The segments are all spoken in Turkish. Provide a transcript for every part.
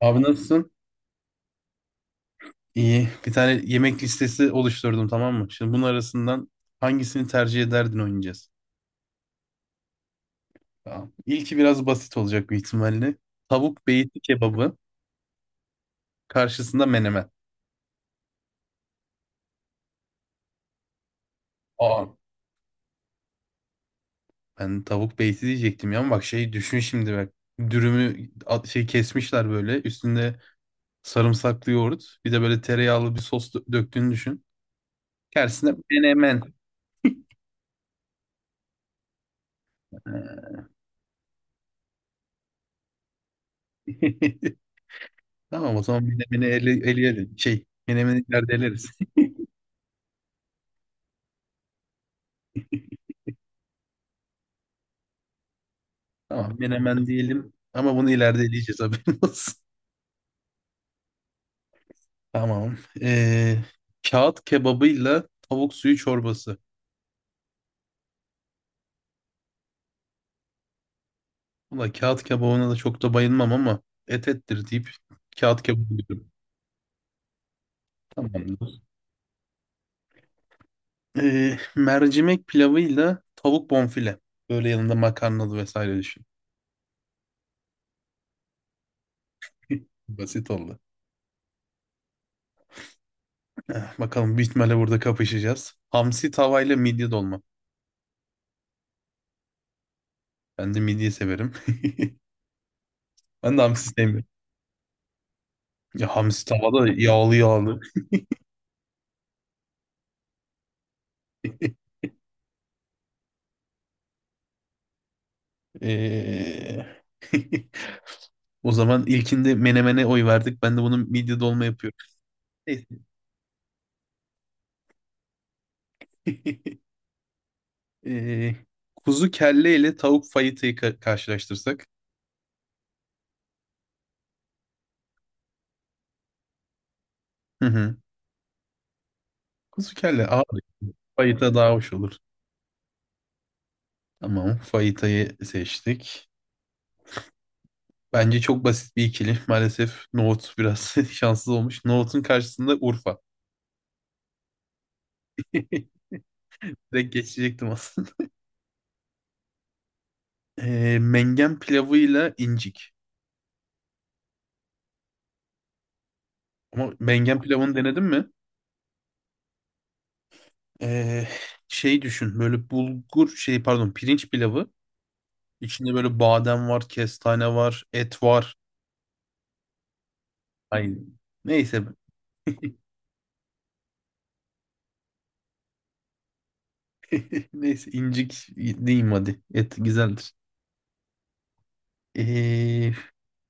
Abi nasılsın? İyi. Bir tane yemek listesi oluşturdum, tamam mı? Şimdi bunun arasından hangisini tercih ederdin oynayacağız. Tamam. İlki biraz basit olacak büyük ihtimalle. Tavuk beyti kebabı karşısında menemen. Aa. Ben tavuk beyti diyecektim ya, ama bak şey düşün şimdi bak. Dürümü şey kesmişler böyle. Üstünde sarımsaklı yoğurt. Bir de böyle tereyağlı bir sos döktüğünü düşün. Karşısında menemen. Tamam, o zaman menemeni eleyelim. Şey menemeni ileride eleriz. Tamam, menemen diyelim ama bunu ileride eleyeceğiz, haberin olsun. Tamam. Kağıt kebabıyla tavuk suyu çorbası. Valla kağıt kebabına da çok da bayılmam ama et ettir deyip kağıt kebabı diyorum. Tamamdır. Mercimek pilavıyla tavuk bonfile. Böyle yanında makarnalı vesaire düşün. Basit oldu. Eh, bakalım, büyük ihtimalle burada kapışacağız. Hamsi tavayla midye dolma. Ben de midye severim. Ben de hamsi sevmiyorum. Ya hamsi tavada yağlı yağlı. Ee, O zaman ilkinde menemene oy verdik. Ben de bunun midye dolma yapıyorum. Neyse. Ee, kuzu kelle ile tavuk fayıtayı karşılaştırsak. Hı hı. Kuzu kelle ağır. Fayita daha hoş olur. Tamam. Fayitayı seçtik. Bence çok basit bir ikili. Maalesef nohut biraz şanssız olmuş. Nohutun karşısında Urfa. Direkt geçecektim aslında. Mengen pilavıyla incik. Ama mengen pilavını denedin mi? Ee, şey düşün, böyle bulgur şey pardon pirinç pilavı, içinde böyle badem var, kestane var, et var. Ay, neyse. Neyse, incik diyeyim hadi, et güzeldir. ee,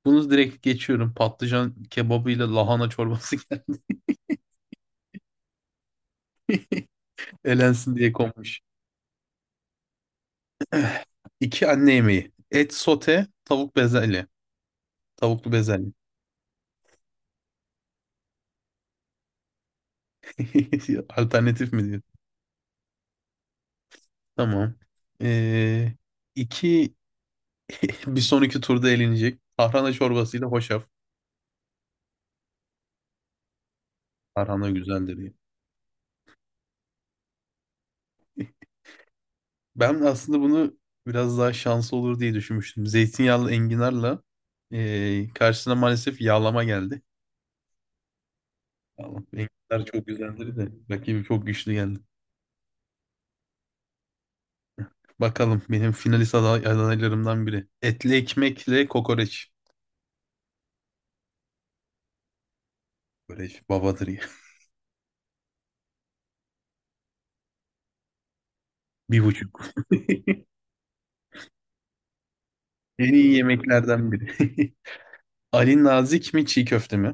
Bunu direkt geçiyorum, patlıcan kebabıyla lahana çorbası geldi, elensin diye konmuş. iki anne yemeği, et sote, tavuk bezelye, tavuklu bezelye. Alternatif mi diyor? Tamam. ee, iki Bir sonraki turda elenecek. Tarhana çorbasıyla hoşaf. Tarhana güzeldir diye. Ben aslında bunu biraz daha şanslı olur diye düşünmüştüm. Zeytinyağlı enginarla, karşısına maalesef yağlama geldi. Yağlama. Enginar çok güzeldir de rakibi çok güçlü geldi. Bakalım, benim finalist aday adaylarımdan biri. Etli ekmekle kokoreç. Kokoreç babadır ya. Bir buçuk. En iyi yemeklerden biri. Ali Nazik mi çiğ köfte mi?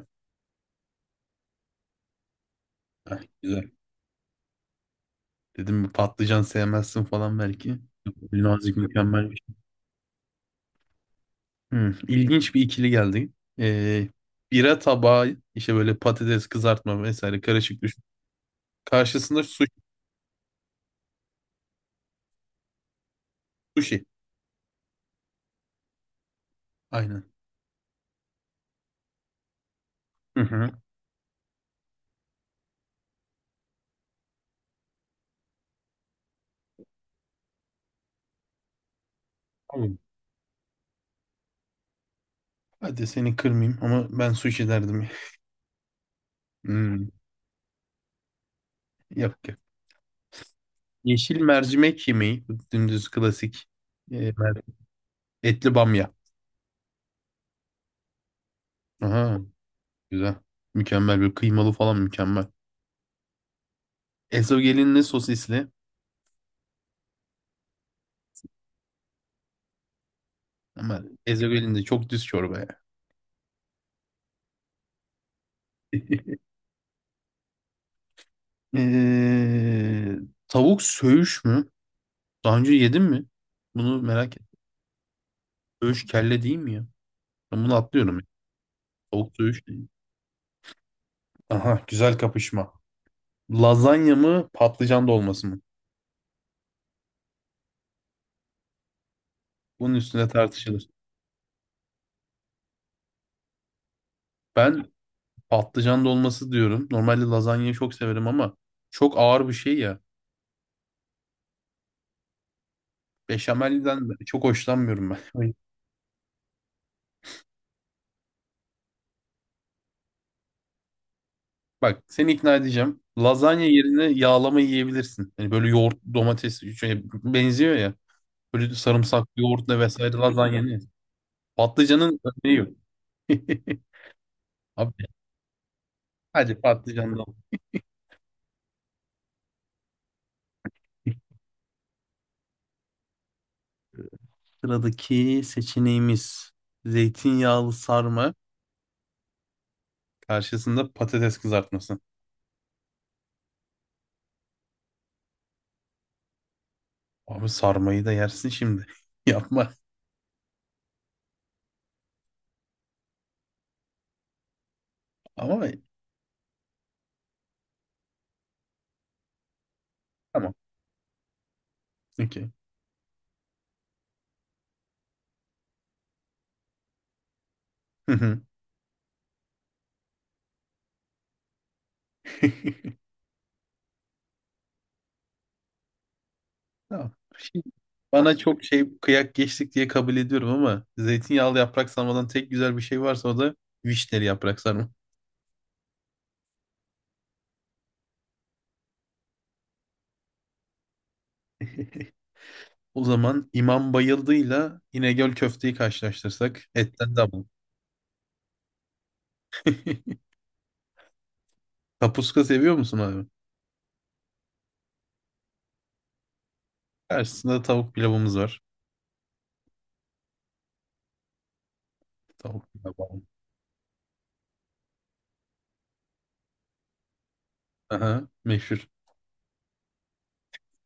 Ah, güzel. Dedim patlıcan sevmezsin falan belki. Nazik mükemmel bir şey. İlginç bir ikili geldi. Ee, bira tabağı, işte böyle patates kızartma vesaire karışık düşün. Karşısında sushi. Aynen. Hı hı. Tamam. Hadi seni kırmayayım ama ben sushi derdim ya. Hmm, Yok ki. Yeşil mercimek yemeği. Bu dümdüz klasik. Ee, mer- etli bamya. Aha, güzel. Mükemmel bir kıymalı falan, mükemmel. Ezogelinli sosisli. Ama ezogelin de çok düz çorba ya. Ee, tavuk söğüş mü? Daha önce yedim mi? Bunu merak et. Söğüş kelle değil mi ya? Ben bunu atlıyorum. Tavuk söğüş değil. Aha, güzel kapışma. Lazanya mı patlıcan dolması mı? Bunun üstüne tartışılır. Ben patlıcan dolması diyorum. Normalde lazanyayı çok severim ama çok ağır bir şey ya. Beşamelden de çok hoşlanmıyorum ben. Ay. Bak, seni ikna edeceğim. Lazanya yerine yağlama yiyebilirsin. Hani böyle yoğurt, domates şey, benziyor ya. Böyle sarımsaklı yoğurtla vesaire lazanya yenir. Patlıcanın örneği yok. Abi, hadi patlıcanla. Sıradaki seçeneğimiz zeytinyağlı sarma, karşısında patates kızartması. Abi sarmayı da yersin şimdi. Yapma. Ama tamam. Okey. Hı hı. Tamam. Şimdi bana çok şey kıyak geçtik diye kabul ediyorum ama zeytinyağlı yaprak sarmadan tek güzel bir şey varsa o da vişneli yaprak sarma. O zaman İmam Bayıldı'yla İnegöl köfteyi karşılaştırsak, etten de alalım. Kapuska seviyor musun abi? Karşısında tavuk pilavımız var. Tavuk pilavı. Aha, meşhur.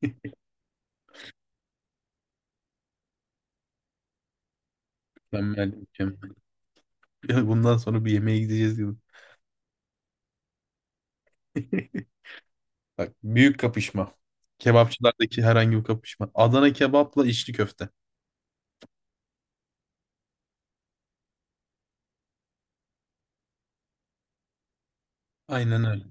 Mükemmel, mükemmel. Ya, bundan sonra bir yemeğe gideceğiz gibi. Bak, büyük kapışma. Kebapçılardaki herhangi bir kapışma. Adana kebapla içli köfte. Aynen öyle.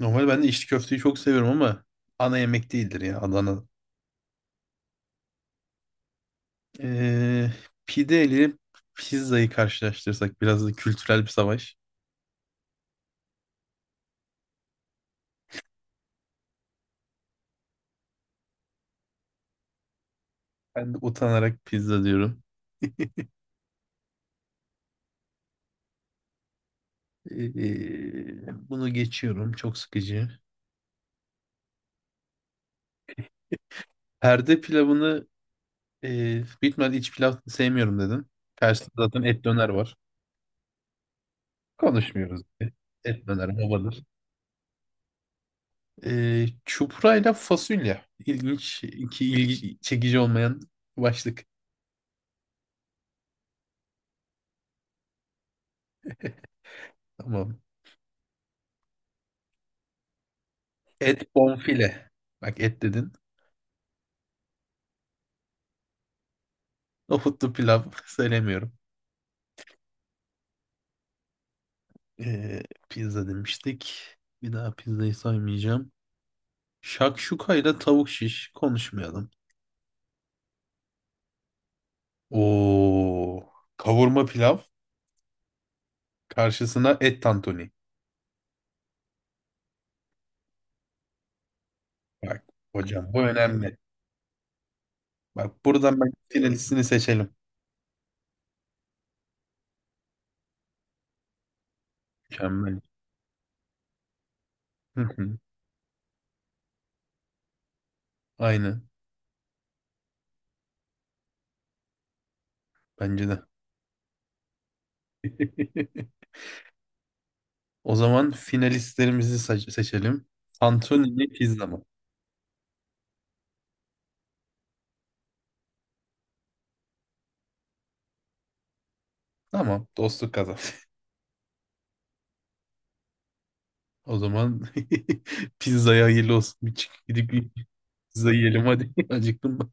Normalde ben de içli köfteyi çok seviyorum ama ana yemek değildir ya Adana. Ee, pide ile pizzayı karşılaştırsak, biraz da kültürel bir savaş. Ben de utanarak pizza diyorum. Bunu geçiyorum. Çok sıkıcı. Perde pilavını, bitmedi, iç pilav sevmiyorum dedin. Karşısında zaten et döner var. Konuşmuyoruz. Et döner babadır. Çupra ile fasulye. İlginç, iki ilgi çekici olmayan başlık. Tamam. Et bonfile. Bak, et dedin. Nohutlu pilav söylemiyorum. Ee, pizza demiştik. Bir daha pizzayı saymayacağım. Şakşuka ile tavuk şiş, konuşmayalım. Oo, kavurma pilav karşısına et tantuni. Bak hocam, bu önemli. Bak, buradan ben finalistini seçelim. Mükemmel. Hı hı, aynen. Bence de. O zaman finalistlerimizi seçelim. Tantuni mi pizza mı? Tamam, dostluk kazan. O zaman pizzaya hayırlı olsun. Bir çık gidip bir pizza yiyelim hadi. Acıktım.